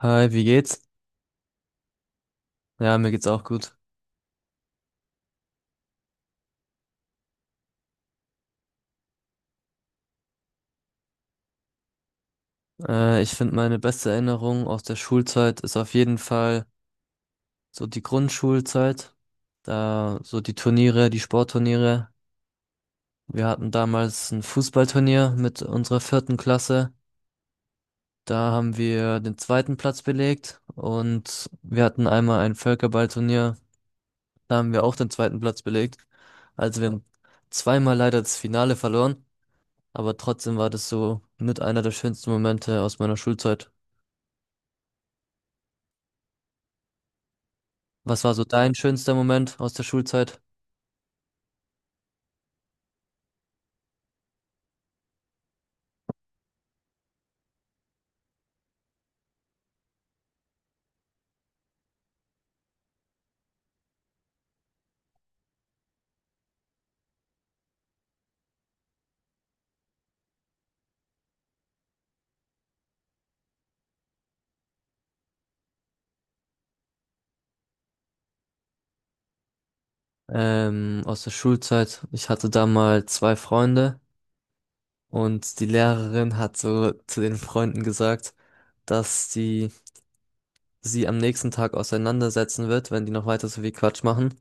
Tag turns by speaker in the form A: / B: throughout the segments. A: Hi, wie geht's? Ja, mir geht's auch gut. Ich finde, meine beste Erinnerung aus der Schulzeit ist auf jeden Fall so die Grundschulzeit. Da so die Turniere, die Sportturniere. Wir hatten damals ein Fußballturnier mit unserer vierten Klasse. Da haben wir den zweiten Platz belegt und wir hatten einmal ein Völkerballturnier. Da haben wir auch den zweiten Platz belegt. Also wir haben zweimal leider das Finale verloren, aber trotzdem war das so mit einer der schönsten Momente aus meiner Schulzeit. Was war so dein schönster Moment aus der Schulzeit? Aus der Schulzeit, ich hatte da mal zwei Freunde und die Lehrerin hat so zu den Freunden gesagt, dass sie sie am nächsten Tag auseinandersetzen wird, wenn die noch weiter so viel Quatsch machen.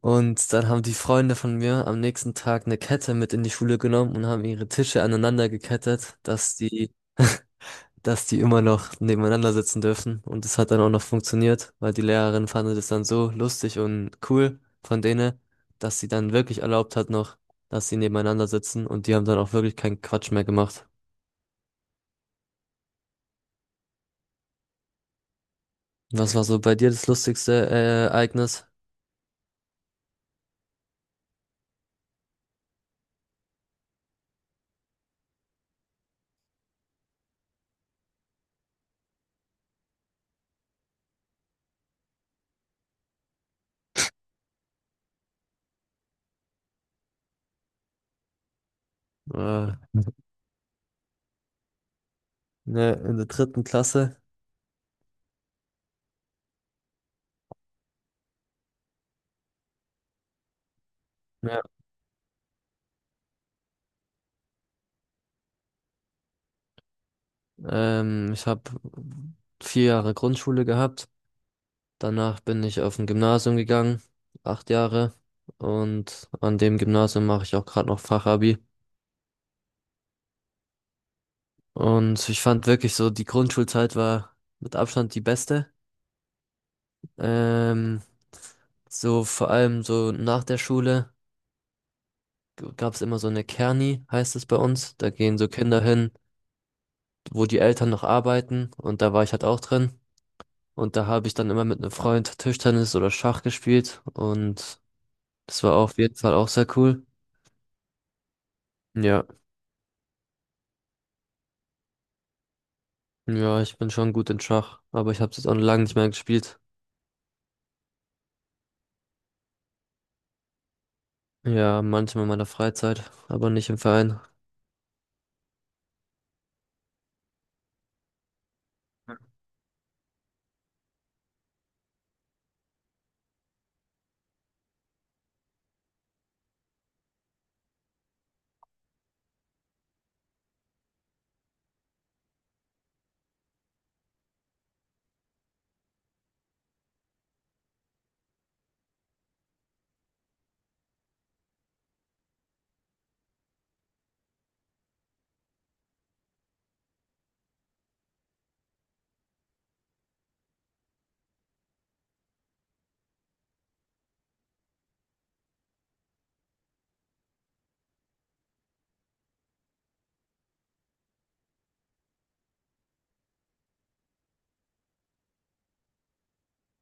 A: Und dann haben die Freunde von mir am nächsten Tag eine Kette mit in die Schule genommen und haben ihre Tische aneinander gekettet, dass die dass die immer noch nebeneinander sitzen dürfen. Und das hat dann auch noch funktioniert, weil die Lehrerin fand es dann so lustig und cool von denen, dass sie dann wirklich erlaubt hat noch, dass sie nebeneinander sitzen und die haben dann auch wirklich keinen Quatsch mehr gemacht. Was war so bei dir das lustigste Ereignis? Äh, ne, in der dritten Klasse. Ja. Ich habe 4 Jahre Grundschule gehabt. Danach bin ich auf ein Gymnasium gegangen, 8 Jahre. Und an dem Gymnasium mache ich auch gerade noch Fachabi. Und ich fand wirklich so, die Grundschulzeit war mit Abstand die beste. Ähm, so vor allem so nach der Schule gab es immer so eine Kerni, heißt es bei uns. Da gehen so Kinder hin, wo die Eltern noch arbeiten und da war ich halt auch drin. Und da habe ich dann immer mit einem Freund Tischtennis oder Schach gespielt und das war auf jeden Fall auch sehr cool. Ja, ja, ich bin schon gut in Schach, aber ich habe es jetzt auch lange nicht mehr gespielt. Ja, manchmal in meiner Freizeit, aber nicht im Verein.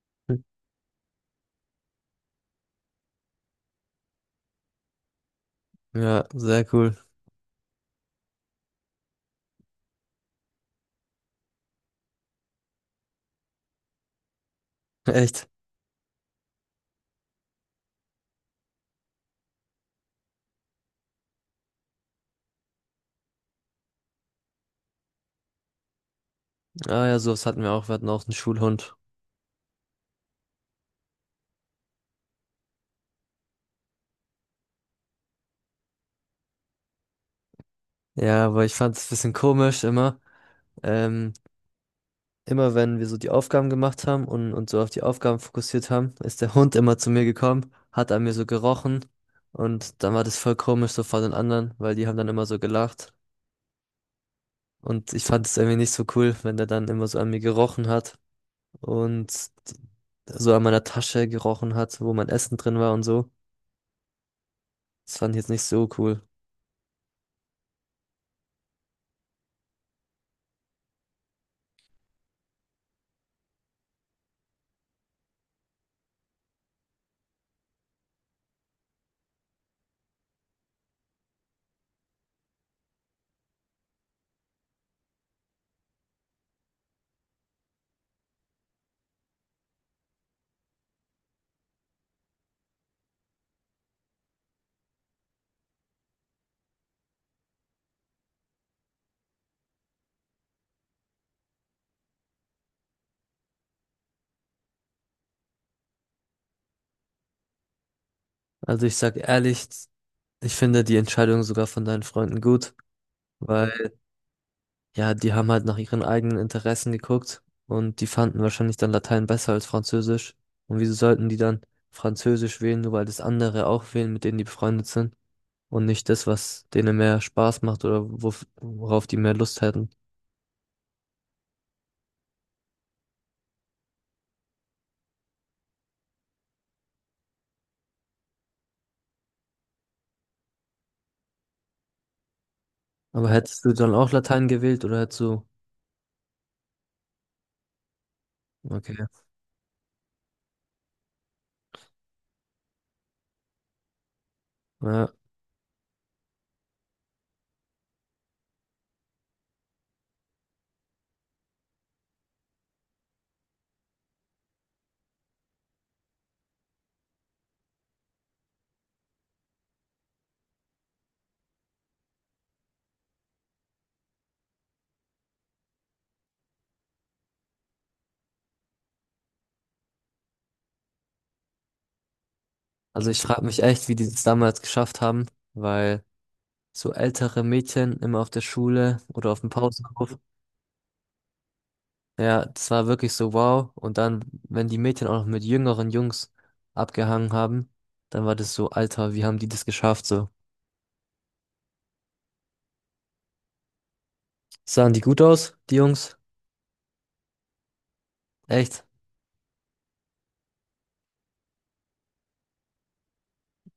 A: Ja, sehr cool. Echt? Ah ja, sowas hatten wir auch. Wir hatten auch einen Schulhund. Ja, aber ich fand es ein bisschen komisch immer. Ähm, Immer wenn wir so die Aufgaben gemacht haben und uns so auf die Aufgaben fokussiert haben, ist der Hund immer zu mir gekommen, hat an mir so gerochen und dann war das voll komisch so vor den anderen, weil die haben dann immer so gelacht. Und ich fand es irgendwie nicht so cool, wenn der dann immer so an mir gerochen hat und so an meiner Tasche gerochen hat, wo mein Essen drin war und so. Das fand ich jetzt nicht so cool. Also ich sag ehrlich, ich finde die Entscheidung sogar von deinen Freunden gut, weil ja, die haben halt nach ihren eigenen Interessen geguckt und die fanden wahrscheinlich dann Latein besser als Französisch. Und wieso sollten die dann Französisch wählen, nur weil das andere auch wählen, mit denen die befreundet sind und nicht das, was denen mehr Spaß macht oder worauf die mehr Lust hätten. Aber hättest du dann auch Latein gewählt oder hättest du... Okay. Ja. Also ich frage mich echt, wie die das damals geschafft haben, weil so ältere Mädchen immer auf der Schule oder auf dem Pausenhof. Ja, das war wirklich so wow. Und dann, wenn die Mädchen auch noch mit jüngeren Jungs abgehangen haben, dann war das so, Alter, wie haben die das geschafft so? Sahen die gut aus, die Jungs? Echt?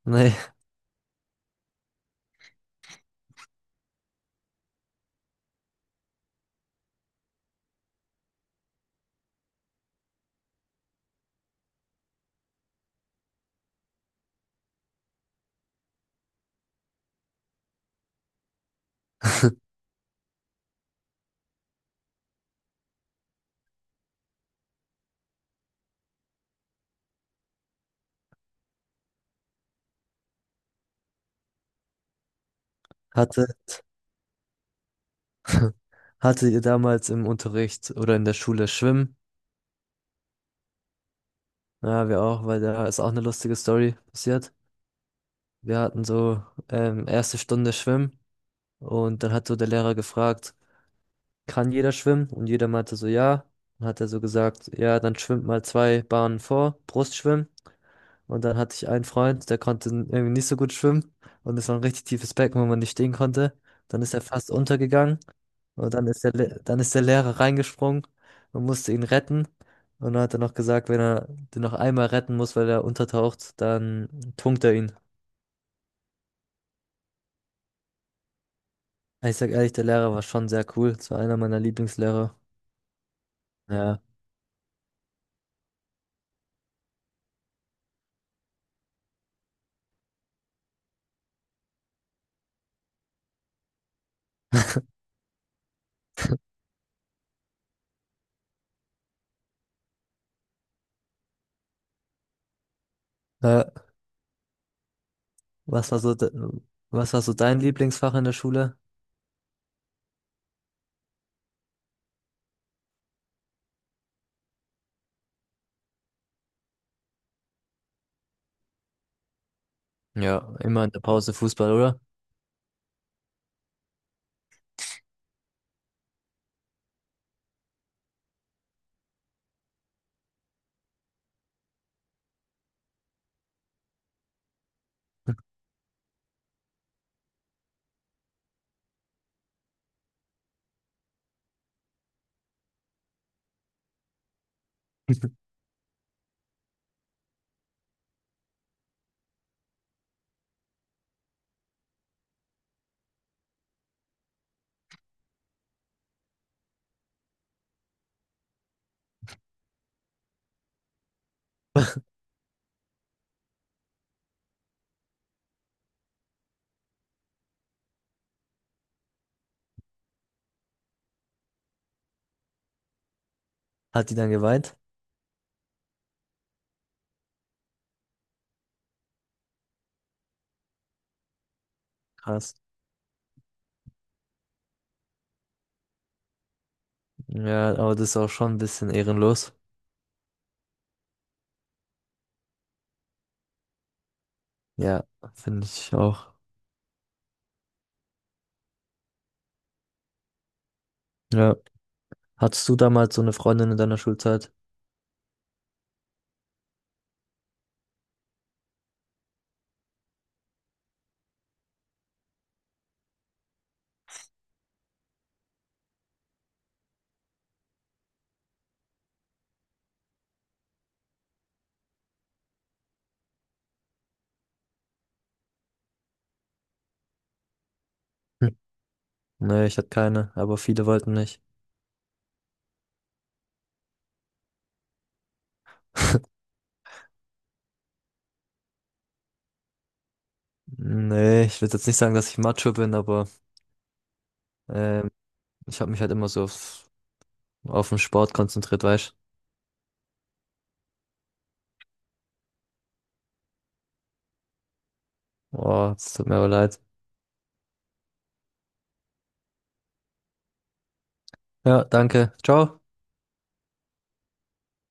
A: Nee. Hatte, hatte ihr damals im Unterricht oder in der Schule Schwimmen? Ja, wir auch, weil da ist auch eine lustige Story passiert. Wir hatten so erste Stunde Schwimmen und dann hat so der Lehrer gefragt, kann jeder schwimmen? Und jeder meinte so, ja. Dann hat er so gesagt, ja, dann schwimmt mal zwei Bahnen vor, Brustschwimmen. Und dann hatte ich einen Freund, der konnte irgendwie nicht so gut schwimmen. Und es war ein richtig tiefes Becken, wo man nicht stehen konnte. Dann ist er fast untergegangen. Und dann ist dann ist der Lehrer reingesprungen und musste ihn retten. Und dann hat er noch gesagt, wenn er den noch einmal retten muss, weil er untertaucht, dann tunkt er ihn. Ich sag ehrlich, der Lehrer war schon sehr cool. Das war einer meiner Lieblingslehrer. Ja. Äh, was war so, de Was war so dein Lieblingsfach in der Schule? Ja, immer in der Pause Fußball, oder? Hat die dann geweint? Krass. Ja, aber das ist auch schon ein bisschen ehrenlos. Ja, finde ich auch. Ja. Hattest du damals so eine Freundin in deiner Schulzeit? Hm. Nee, ich hatte keine, aber viele wollten nicht. Nee, ich würde jetzt nicht sagen, dass ich Macho bin, aber ähm, ich habe mich halt immer so auf den Sport konzentriert, weißt du? Oh, es tut mir aber leid. Ja, danke. Ciao.